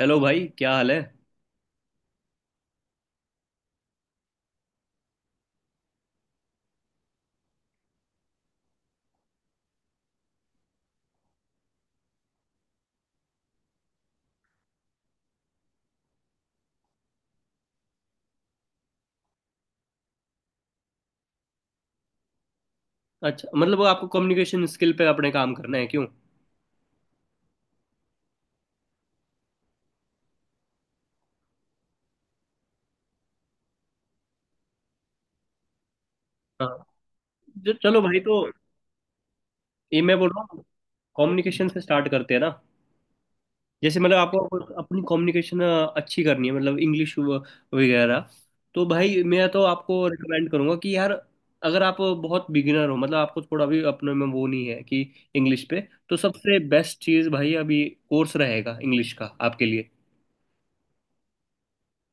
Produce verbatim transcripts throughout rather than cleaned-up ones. Hello भाई। क्या हाल है। अच्छा, मतलब वो आपको कम्युनिकेशन स्किल पे अपने काम करना है, क्यों। हाँ। ज- चलो भाई, तो ये मैं बोल रहा हूँ। कम्युनिकेशन से स्टार्ट करते हैं ना। जैसे मतलब आपको अपनी कम्युनिकेशन अच्छी करनी है, मतलब इंग्लिश वगैरह। तो भाई, मैं तो आपको रिकमेंड करूंगा कि यार, अगर आप बहुत बिगिनर हो, मतलब आपको थोड़ा भी अपने में वो नहीं है कि इंग्लिश पे, तो सबसे बेस्ट चीज़ भाई अभी कोर्स रहेगा इंग्लिश का आपके लिए।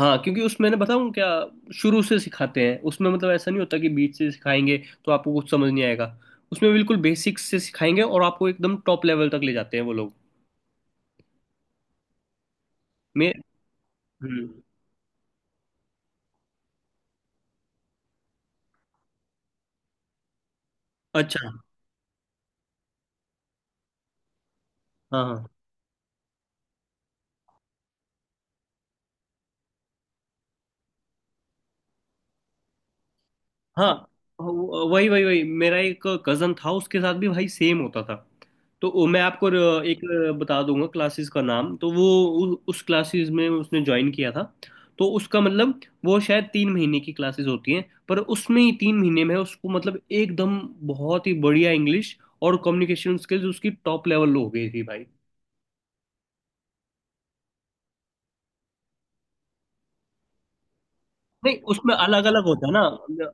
हाँ, क्योंकि उसमें ना, बताऊँ क्या, शुरू से सिखाते हैं उसमें। मतलब ऐसा नहीं होता कि बीच से सिखाएंगे तो आपको कुछ समझ नहीं आएगा। उसमें बिल्कुल बेसिक्स से सिखाएंगे और आपको एकदम टॉप लेवल तक ले जाते हैं वो लोग। मैं हम्म। अच्छा। हाँ, हाँ। हाँ, वो- वही वही वही मेरा एक कजन था, उसके साथ भी भाई सेम होता था। तो वो- मैं आपको र- एक बता दूंगा क्लासेस का नाम। तो वो उ, उस क्लासेस में उसने ज्वाइन किया था। तो उसका मतलब, वो शायद तीन महीने की क्लासेस होती हैं, पर उसमें ही तीन महीने में उसको मतलब एकदम बहुत ही बढ़िया इंग्लिश और कम्युनिकेशन स्किल्स उसकी टॉप लेवल हो गई थी भाई। नहीं, उसमें अलग अलग होता है ना।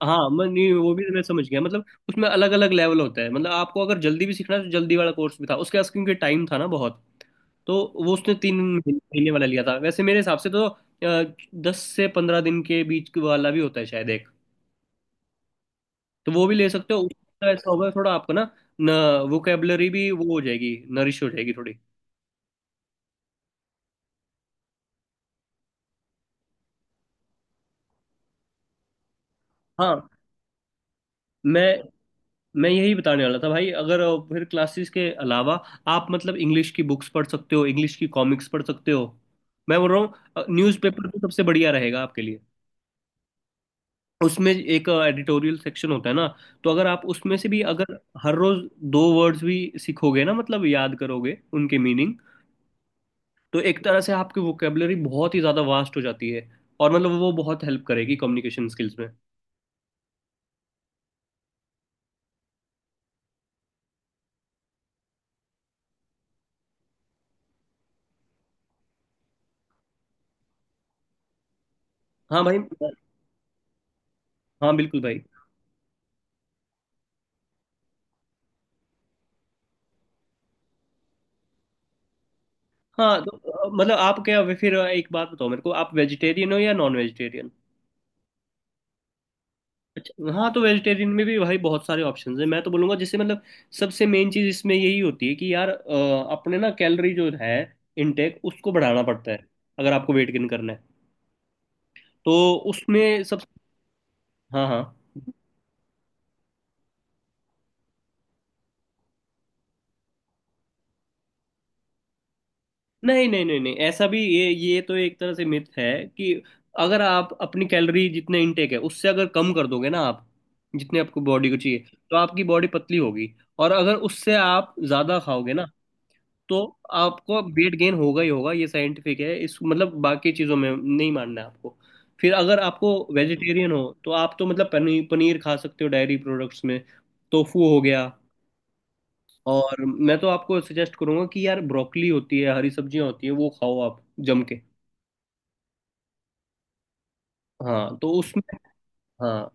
हाँ, मैं नहीं, वो भी मैं समझ गया, मतलब उसमें अलग अलग लेवल होता है। मतलब आपको अगर जल्दी भी सीखना है तो जल्दी वाला कोर्स भी था उसके पास, क्योंकि टाइम था ना बहुत। तो वो उसने तीन महीने महीने वाला लिया था। वैसे मेरे हिसाब से तो अ, दस से पंद्रह दिन के बीच के वाला भी होता है शायद एक। तो वो भी ले सकते हो, उसका ऐसा होगा थोड़ा आपको ना। न वोकेबलरी भी वो हो जाएगी, नरिश हो जाएगी थोड़ी। हाँ, मैं मैं यही बताने वाला था भाई। अगर अ, फिर क्लासेस के अलावा, आप मतलब इंग्लिश की बुक्स पढ़ सकते हो, इंग्लिश की कॉमिक्स पढ़ सकते हो। मैं बोल रहा हूँ न्यूज़पेपर तो सबसे बढ़िया रहेगा आपके लिए। उसमें एक एडिटोरियल सेक्शन होता है ना, तो अगर आप उसमें से भी, अगर हर रोज दो वर्ड्स भी सीखोगे ना, मतलब याद करोगे उनके मीनिंग, तो एक तरह से आपकी वोकेबलरी बहुत ही ज़्यादा वास्ट हो जाती है। और मतलब वो बहुत हेल्प करेगी कम्युनिकेशन स्किल्स में। हाँ भाई। हाँ बिल्कुल भाई। हाँ, तो अ, मतलब आप क्या वे- फिर एक बात बताओ मेरे को, आप वेजिटेरियन हो या नॉन वेजिटेरियन। अच्छा। हाँ, तो वेजिटेरियन में भी भाई बहुत सारे ऑप्शंस हैं। मैं तो बोलूँगा, जैसे मतलब सबसे मेन चीज़ इसमें यही होती है कि यार, अ, अपने ना कैलोरी जो है इनटेक, उसको बढ़ाना पड़ता है। अगर आपको वेट गेन करना है, तो उसमें सब। हाँ, हाँ। नहीं, नहीं, नहीं, नहीं, ऐसा भी ये ये तो एक तरह से मिथ है कि अगर आप अपनी कैलोरी जितने इनटेक है उससे अगर कम कर दोगे ना आप, जितने आपको बॉडी को चाहिए, तो आपकी बॉडी पतली होगी। और अगर उससे आप ज्यादा खाओगे ना, तो आपको वेट गेन होगा ही होगा। ये साइंटिफिक है। इस मतलब बाकी चीजों में नहीं मानना है आपको। फिर अगर आपको वेजिटेरियन हो तो आप तो मतलब पनीर पनीर खा सकते हो, डायरी प्रोडक्ट्स में। टोफू हो गया। और मैं तो आपको सजेस्ट करूंगा कि यार, ब्रोकली होती है, हरी सब्जियां होती हैं, वो खाओ आप जम के। हाँ, तो उसमें। हाँ।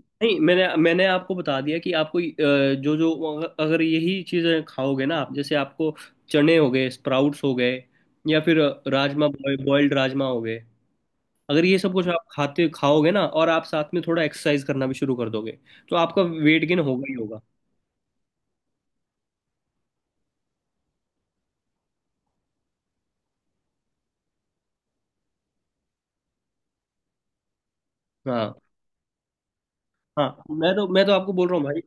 नहीं, मैंने मैंने आपको बता दिया कि आपको अ, जो जो, अगर अगर यही चीज़ें खाओगे ना आप, जैसे आपको चने हो गए, स्प्राउट्स हो गए, या फिर राजमा, बॉयल्ड राजमा हो गए, अगर ये सब कुछ आप खाते खाओगे ना और आप साथ में थोड़ा एक्सरसाइज करना भी शुरू कर दोगे, तो आपका वेट गेन होगा ही होगा। हाँ, हाँ। मैं तो मैं तो आपको बोल रहा हूँ भाई,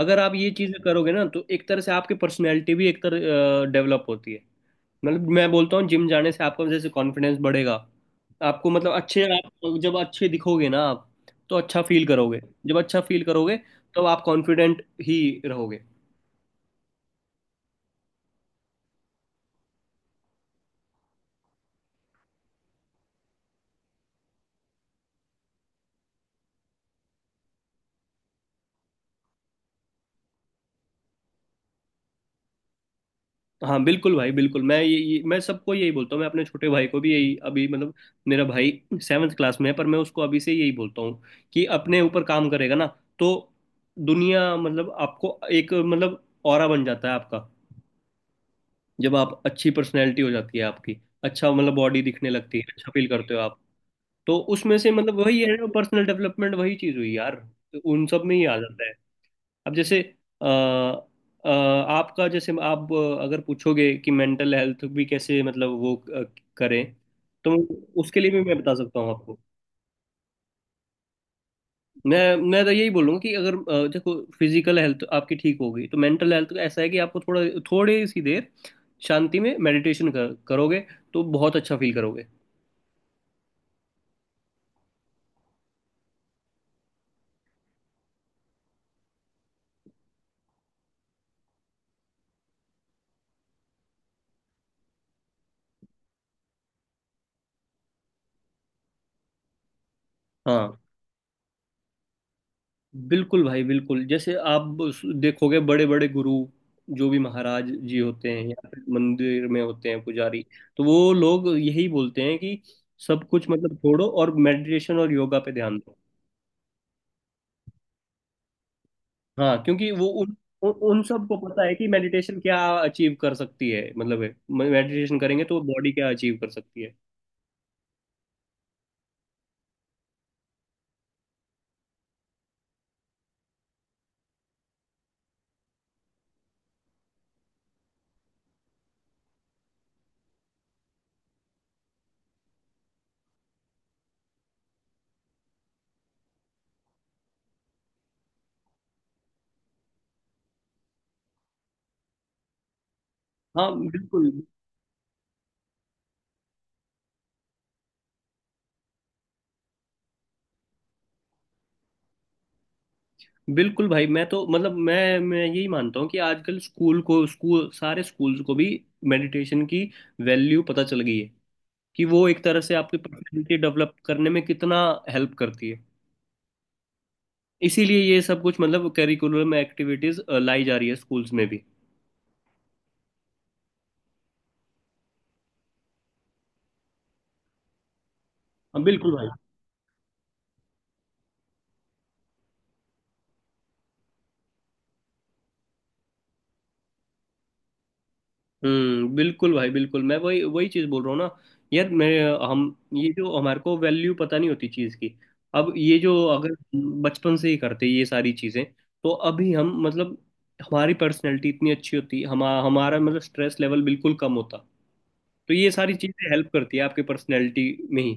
अगर आप ये चीजें करोगे ना तो एक तरह से आपकी पर्सनैलिटी भी एक तरह डेवलप होती है। मतलब मैं बोलता हूँ जिम जाने से आपका जैसे कॉन्फिडेंस बढ़ेगा। आपको मतलब अच्छे, आप जब अच्छे दिखोगे ना आप, तो अच्छा फील करोगे। जब अच्छा फील करोगे, तब आप कॉन्फिडेंट ही रहोगे। हाँ बिल्कुल भाई, बिल्कुल। मैं ये, ये, मैं सबको यही बोलता हूँ। मैं अपने छोटे भाई को भी यही, अभी मतलब, मेरा भाई सेवन्थ क्लास में है, पर मैं उसको अभी से यही बोलता हूँ कि अपने ऊपर काम करेगा ना, तो दुनिया मतलब आपको एक मतलब ऑरा बन जाता है आपका। जब आप, अच्छी पर्सनैलिटी हो जाती है आपकी, अच्छा मतलब बॉडी दिखने लगती है, अच्छा फील करते हो आप। तो उसमें से मतलब वही है, पर्सनल डेवलपमेंट वही चीज़ हुई यार। तो उन सब में ही आ जाता है। अब जैसे, अ, अ, आपका जैसे आप, अगर पूछोगे कि मेंटल हेल्थ भी कैसे, मतलब वो अ, करें, तो उसके लिए भी मैं बता सकता हूँ आपको। मैं मैं तो यही बोलूँगा कि अगर अ, देखो, फिजिकल हेल्थ आपकी ठीक होगी तो मेंटल हेल्थ ऐसा है कि आपको थोड़ा, थोड़ी सी देर शांति में मेडिटेशन कर, करोगे तो बहुत अच्छा फील करोगे। हाँ बिल्कुल भाई, बिल्कुल। जैसे आप उस- देखोगे बड़े बड़े गुरु जो भी महाराज जी होते हैं, या फिर मंदिर में होते हैं पुजारी, तो वो लोग यही बोलते हैं कि सब कुछ मतलब छोड़ो और मेडिटेशन और योगा पे ध्यान दो। हाँ, क्योंकि वो उन उन उन सबको पता है कि मेडिटेशन क्या अचीव कर सकती है, मतलब मेडिटेशन करेंगे तो बॉडी क्या अचीव कर सकती है। हाँ बिल्कुल, बिल्कुल भाई। मैं तो मतलब, मैं मैं यही मानता हूँ कि आजकल स्कूल को, स्कूल, सारे स्कूल्स को भी मेडिटेशन की वैल्यू पता चल गई है, कि वो एक तरह से आपकी पर्सनैलिटी डेवलप करने में कितना हेल्प करती है। इसीलिए ये सब कुछ मतलब करिकुलम एक्टिविटीज लाई जा रही है स्कूल्स में भी। हाँ, बिल्कुल भाई। हम्म। बिल्कुल भाई, बिल्कुल। मैं वही वही चीज़ बोल रहा हूँ ना यार। मैं हम, ये जो हमारे को वैल्यू पता नहीं होती चीज़ की, अब ये जो, अगर बचपन से ही करते ये सारी चीज़ें, तो अभी हम मतलब हमारी पर्सनैलिटी इतनी अच्छी होती, हम हमारा मतलब स्ट्रेस लेवल बिल्कुल कम होता। तो ये सारी चीज़ें हेल्प करती है आपके पर्सनैलिटी में ही।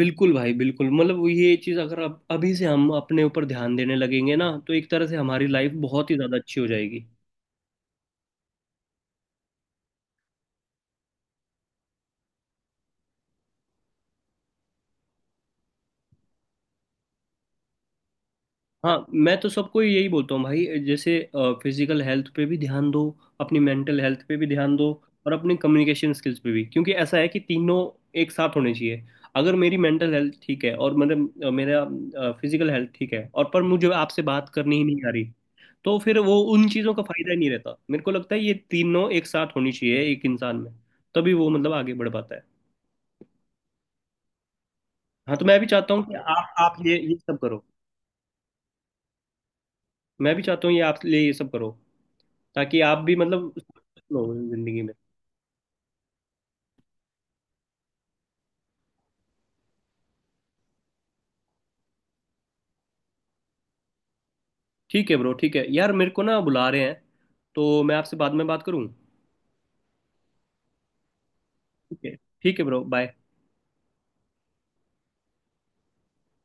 बिल्कुल भाई, बिल्कुल। मतलब वो ये चीज़ अगर अब अभी से हम अपने ऊपर ध्यान देने लगेंगे ना, तो एक तरह से हमारी लाइफ बहुत ही ज़्यादा अच्छी हो जाएगी। हाँ, मैं तो सबको यही बोलता हूँ भाई। जैसे फिजिकल हेल्थ पे भी ध्यान दो, अपनी मेंटल हेल्थ पे भी ध्यान दो, और अपने कम्युनिकेशन स्किल्स पे भी, क्योंकि ऐसा है कि तीनों एक साथ होने चाहिए। अगर मेरी मेंटल हेल्थ ठीक है और मतलब अ, मेरा फिजिकल हेल्थ ठीक है, और पर मुझे आपसे बात करनी ही नहीं आ रही, तो फिर वो उन चीज़ों का फायदा ही नहीं रहता। मेरे को लगता है ये तीनों एक साथ होनी चाहिए एक इंसान में, तभी वो मतलब आगे बढ़ पाता है। हाँ, तो मैं भी चाहता हूँ कि आप आप ये ये सब करो। मैं भी चाहता हूँ ये आप लिए ये सब करो, ताकि आप भी मतलब हो जिंदगी में। ठीक है ब्रो, ठीक है यार, मेरे को ना बुला रहे हैं, तो मैं आपसे बाद में बात करूँ। ठीक है। ठीक है ब्रो, बाय।